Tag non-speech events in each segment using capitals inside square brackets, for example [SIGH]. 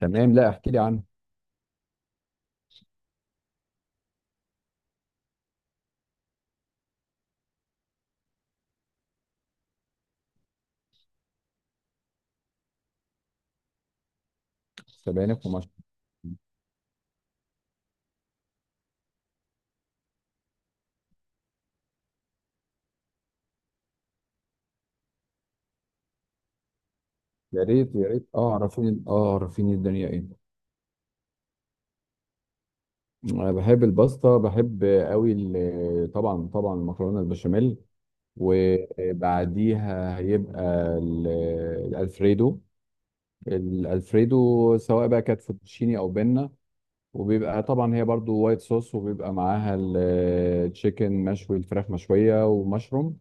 تمام، لا، احكي لي عنه. سبانخ ومشروم. يا ريت يا ريت، اه عرفيني، اه عرفيني الدنيا ايه. انا بحب الباستا، بحب قوي. طبعا طبعا، المكرونه البشاميل، وبعديها هيبقى ال- الالفريدو. الالفريدو سواء بقى كانت فوتوتشيني او بينا، وبيبقى طبعا هي برضو وايت صوص، وبيبقى معاها التشيكن مشوي، الفراخ مشويه ومشروم.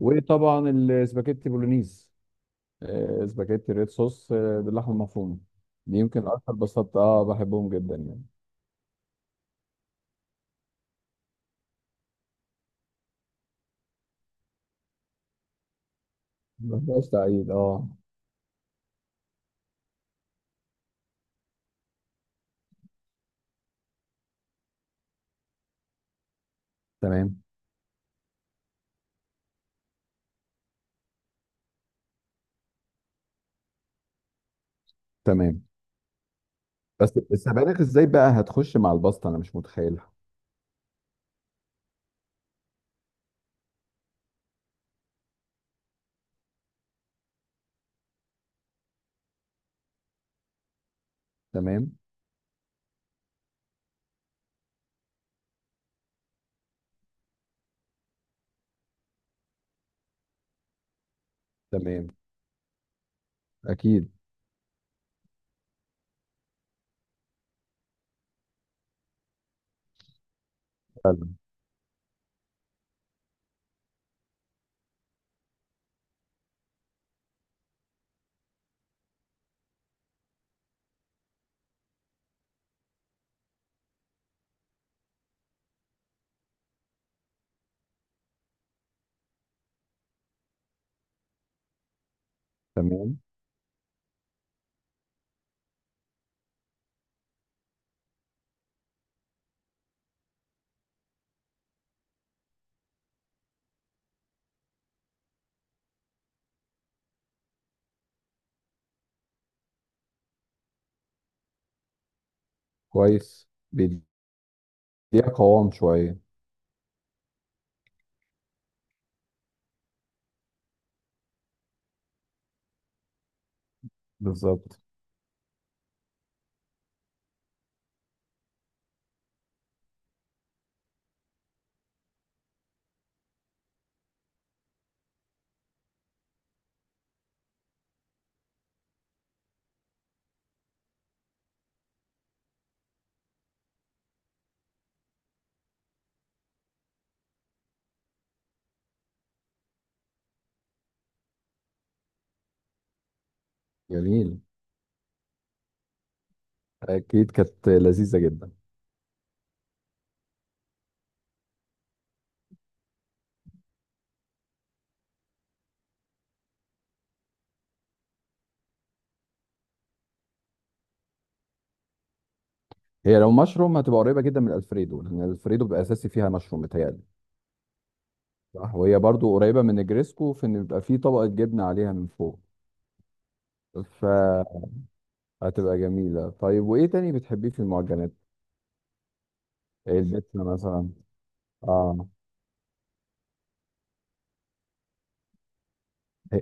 وطبعا السباكيتي بولونيز، سباجيتي ريد صوص، باللحمه المفرومه. دي يمكن اكتر بساطه، بحبهم جدا يعني. ما فيهاش تعقيد، اه. تمام تمام. بس السبانخ ازاي بقى هتخش مع الباستا؟ انا مش متخيلها. تمام تمام. اكيد. فعلا. تمام. كويس، بيديها قوام شويه. بالظبط. جميل. اكيد كانت لذيذه جدا. هي لو مشروم هتبقى قريبه جدا من الفريدو، لان الفريدو بيبقى اساسي فيها مشروم، متهيألي. صح. وهي برضو قريبه من نجريسكو، في ان بيبقى فيه طبقه جبنه عليها من فوق. فهتبقى جميلة. طيب، وإيه تاني بتحبيه في المعجنات؟ إيه البيتزا مثلا؟ آه. هي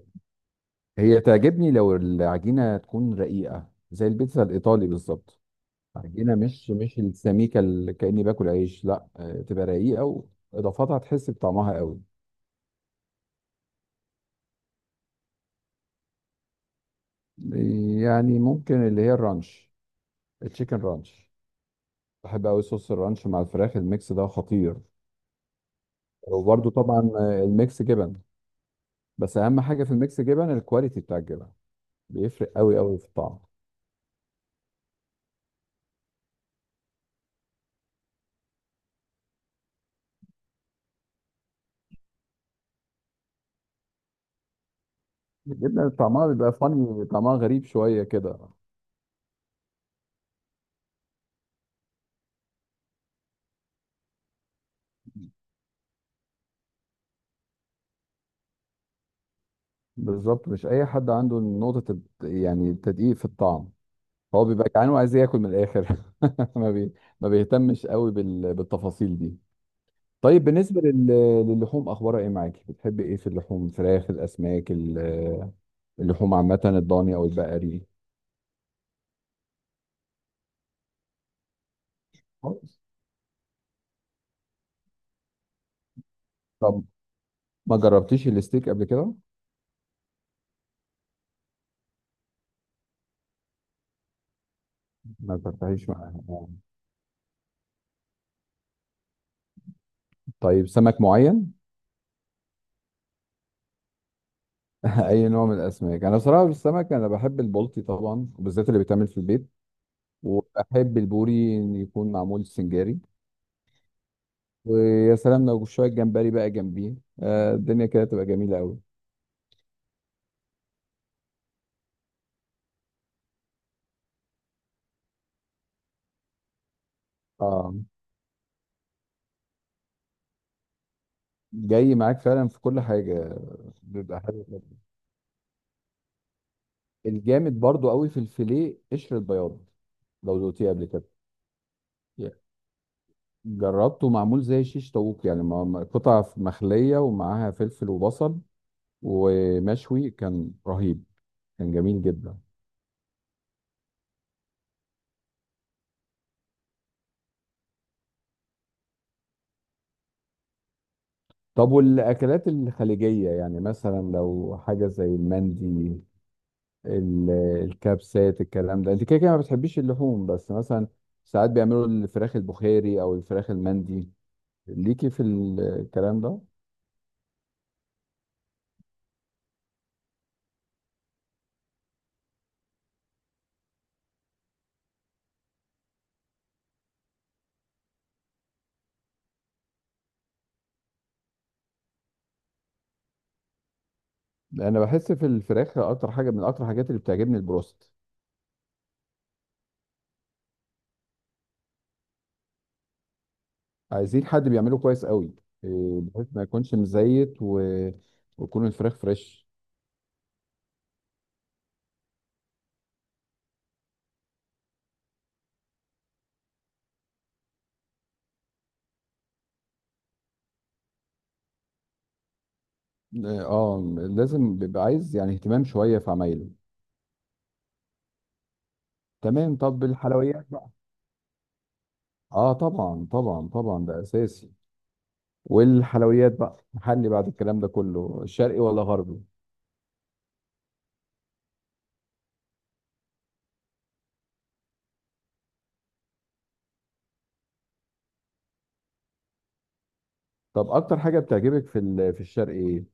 هي تعجبني لو العجينة تكون رقيقة زي البيتزا الإيطالي بالظبط. عجينة مش السميكة اللي كأني باكل عيش، لا، تبقى رقيقة. وإضافاتها تحس بطعمها قوي. يعني ممكن اللي هي الرانش، التشيكن رانش. بحب قوي صوص الرانش مع الفراخ، الميكس ده خطير. وبرده طبعا، الميكس جبن. بس أهم حاجة في الميكس جبن الكواليتي بتاع الجبن. بيفرق قوي قوي في الطعم. الجبنه طعمها بيبقى فاني، طعمها غريب شويه كده. بالظبط. مش اي حد عنده نقطه يعني التدقيق في الطعم. هو بيبقى جعان وعايز ياكل من الاخر. [LAUGHS] ما بي... ما بيهتمش قوي بالتفاصيل دي. طيب، بالنسبه للحوم، اخبارها ايه معاكي؟ بتحب ايه في اللحوم؟ فراخ، الاسماك، اللحوم عامه، الضاني او البقري؟ خالص. طب ما جربتيش الستيك قبل كده؟ ما فتحتيش معاها. طيب، سمك معين؟ [LAUGHS] اي نوع من الاسماك؟ انا بصراحه في السمك انا بحب البلطي طبعا، وبالذات اللي بيتعمل في البيت. وبحب البوري إن يكون معمول سنجاري. ويا سلام لو شويه جمبري بقى جنبيه. الدنيا كده تبقى جميله قوي. اه. جاي معاك فعلا في كل حاجه. بيبقى حلو جدا. الجامد برضو قوي في الفيليه قشر البياض، لو دوقتيه قبل كده. جربته معمول زي شيش طاووق يعني، قطع مخليه ومعاها فلفل وبصل، ومشوي كان رهيب. كان جميل جدا. طب والأكلات الخليجية؟ يعني مثلا لو حاجة زي المندي، ال- الكبسات، الكلام ده. انت كده كده ما بتحبيش اللحوم، بس مثلا ساعات بيعملوا الفراخ البخاري او الفراخ المندي. ليكي في الكلام ده؟ انا بحس في الفراخ اكتر حاجة من اكتر الحاجات اللي بتعجبني البروست. عايزين حد بيعمله كويس قوي. إيه، بحيث ما يكونش مزيت ويكون الفراخ فريش. اه. لازم بيبقى عايز يعني اهتمام شوية في عمايله. تمام. طب الحلويات؟ اه طبعا طبعا طبعا، ده اساسي. والحلويات بقى، محلي بعد الكلام ده كله، شرقي ولا غربي؟ طب اكتر حاجه بتعجبك في في الشرقي ايه؟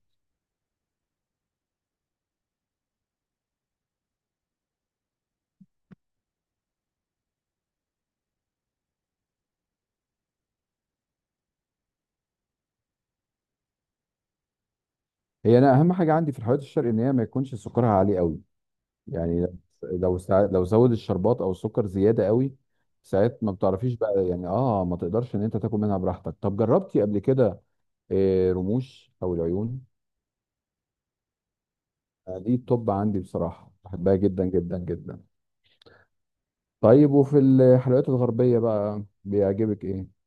هي، انا اهم حاجه عندي في الحلويات الشرقي ان هي ما يكونش سكرها عالي قوي. يعني لو لو زود الشربات او السكر زياده قوي، ساعات ما بتعرفيش بقى يعني، ما تقدرش ان انت تاكل منها براحتك. طب جربتي قبل كده رموش او العيون؟ دي التوب عندي بصراحه، بحبها جدا جدا جدا. طيب وفي الحلويات الغربيه بقى بيعجبك ايه؟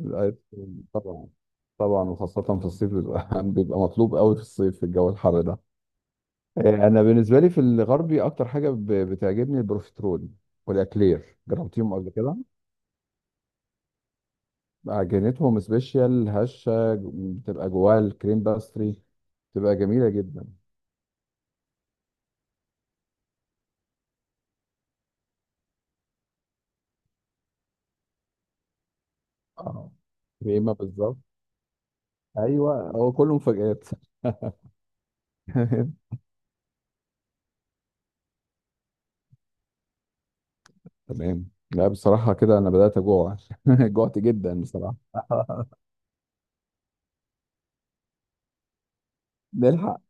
الايفون طبعا. طبعا، وخاصة في الصيف بيبقى [LAUGHS] بيبقى مطلوب قوي في الصيف في الجو الحر ده. انا بالنسبة لي في الغربي اكتر حاجة بتعجبني البروفيترول. والاكلير، جربتيهم قبل كده؟ عجينتهم سبيشال، هشة، بتبقى جواها الكريم باستري. بتبقى جميلة جدا. اه، كريمة بالظبط. ايوه، هو كله مفاجآت. [LAUGHS] تمام. لا بصراحة كده انا بدأت اجوع. [LAUGHS] جوعت جدا بصراحة. [LAUGHS] نلحق.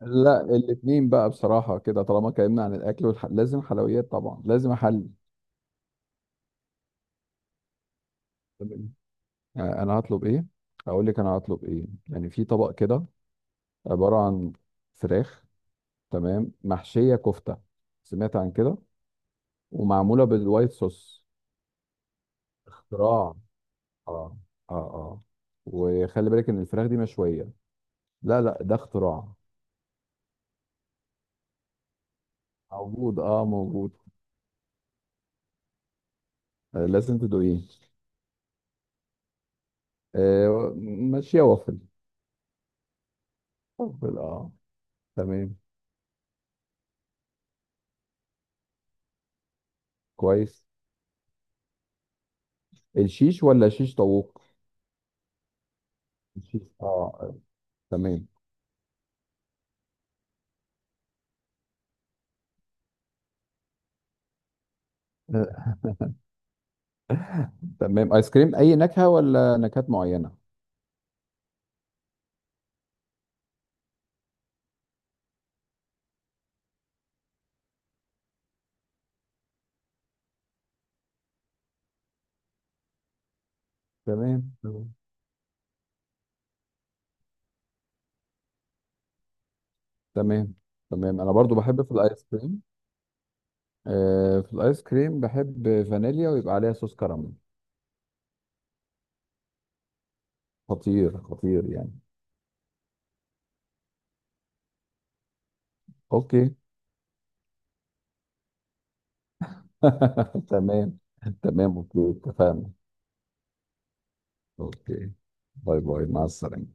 لا الاثنين بقى بصراحة كده، طالما اتكلمنا عن الأكل لازم حلويات طبعا، لازم أحل. تمام. أنا هطلب إيه؟ أقول لك أنا هطلب إيه؟ يعني في طبق كده، عبارة عن فراخ، تمام، محشية كفتة. سمعت عن كده؟ ومعمولة بالوايت صوص. اختراع. اه اه اه. وخلي بالك إن الفراخ دي مشوية. لا لا، ده اختراع. موجود، اه، موجود. آه، لازم تدوقيه. آه مشوية وافل. وافل اه. تمام كويس. الشيش ولا شيش طاووق؟ الشيش اه. تمام. آه، تمام، ايس كريم اي نكهة ولا نكهات معينة؟ تمام تمام. تمام تمام، انا برضو بحب في الايس كريم. في الايس كريم بحب فانيليا ويبقى عليها صوص كراميل. خطير خطير يعني. اوكي. [LAUGHS] تمام تمام اوكي اتفقنا. اوكي، باي باي، مع السلامة.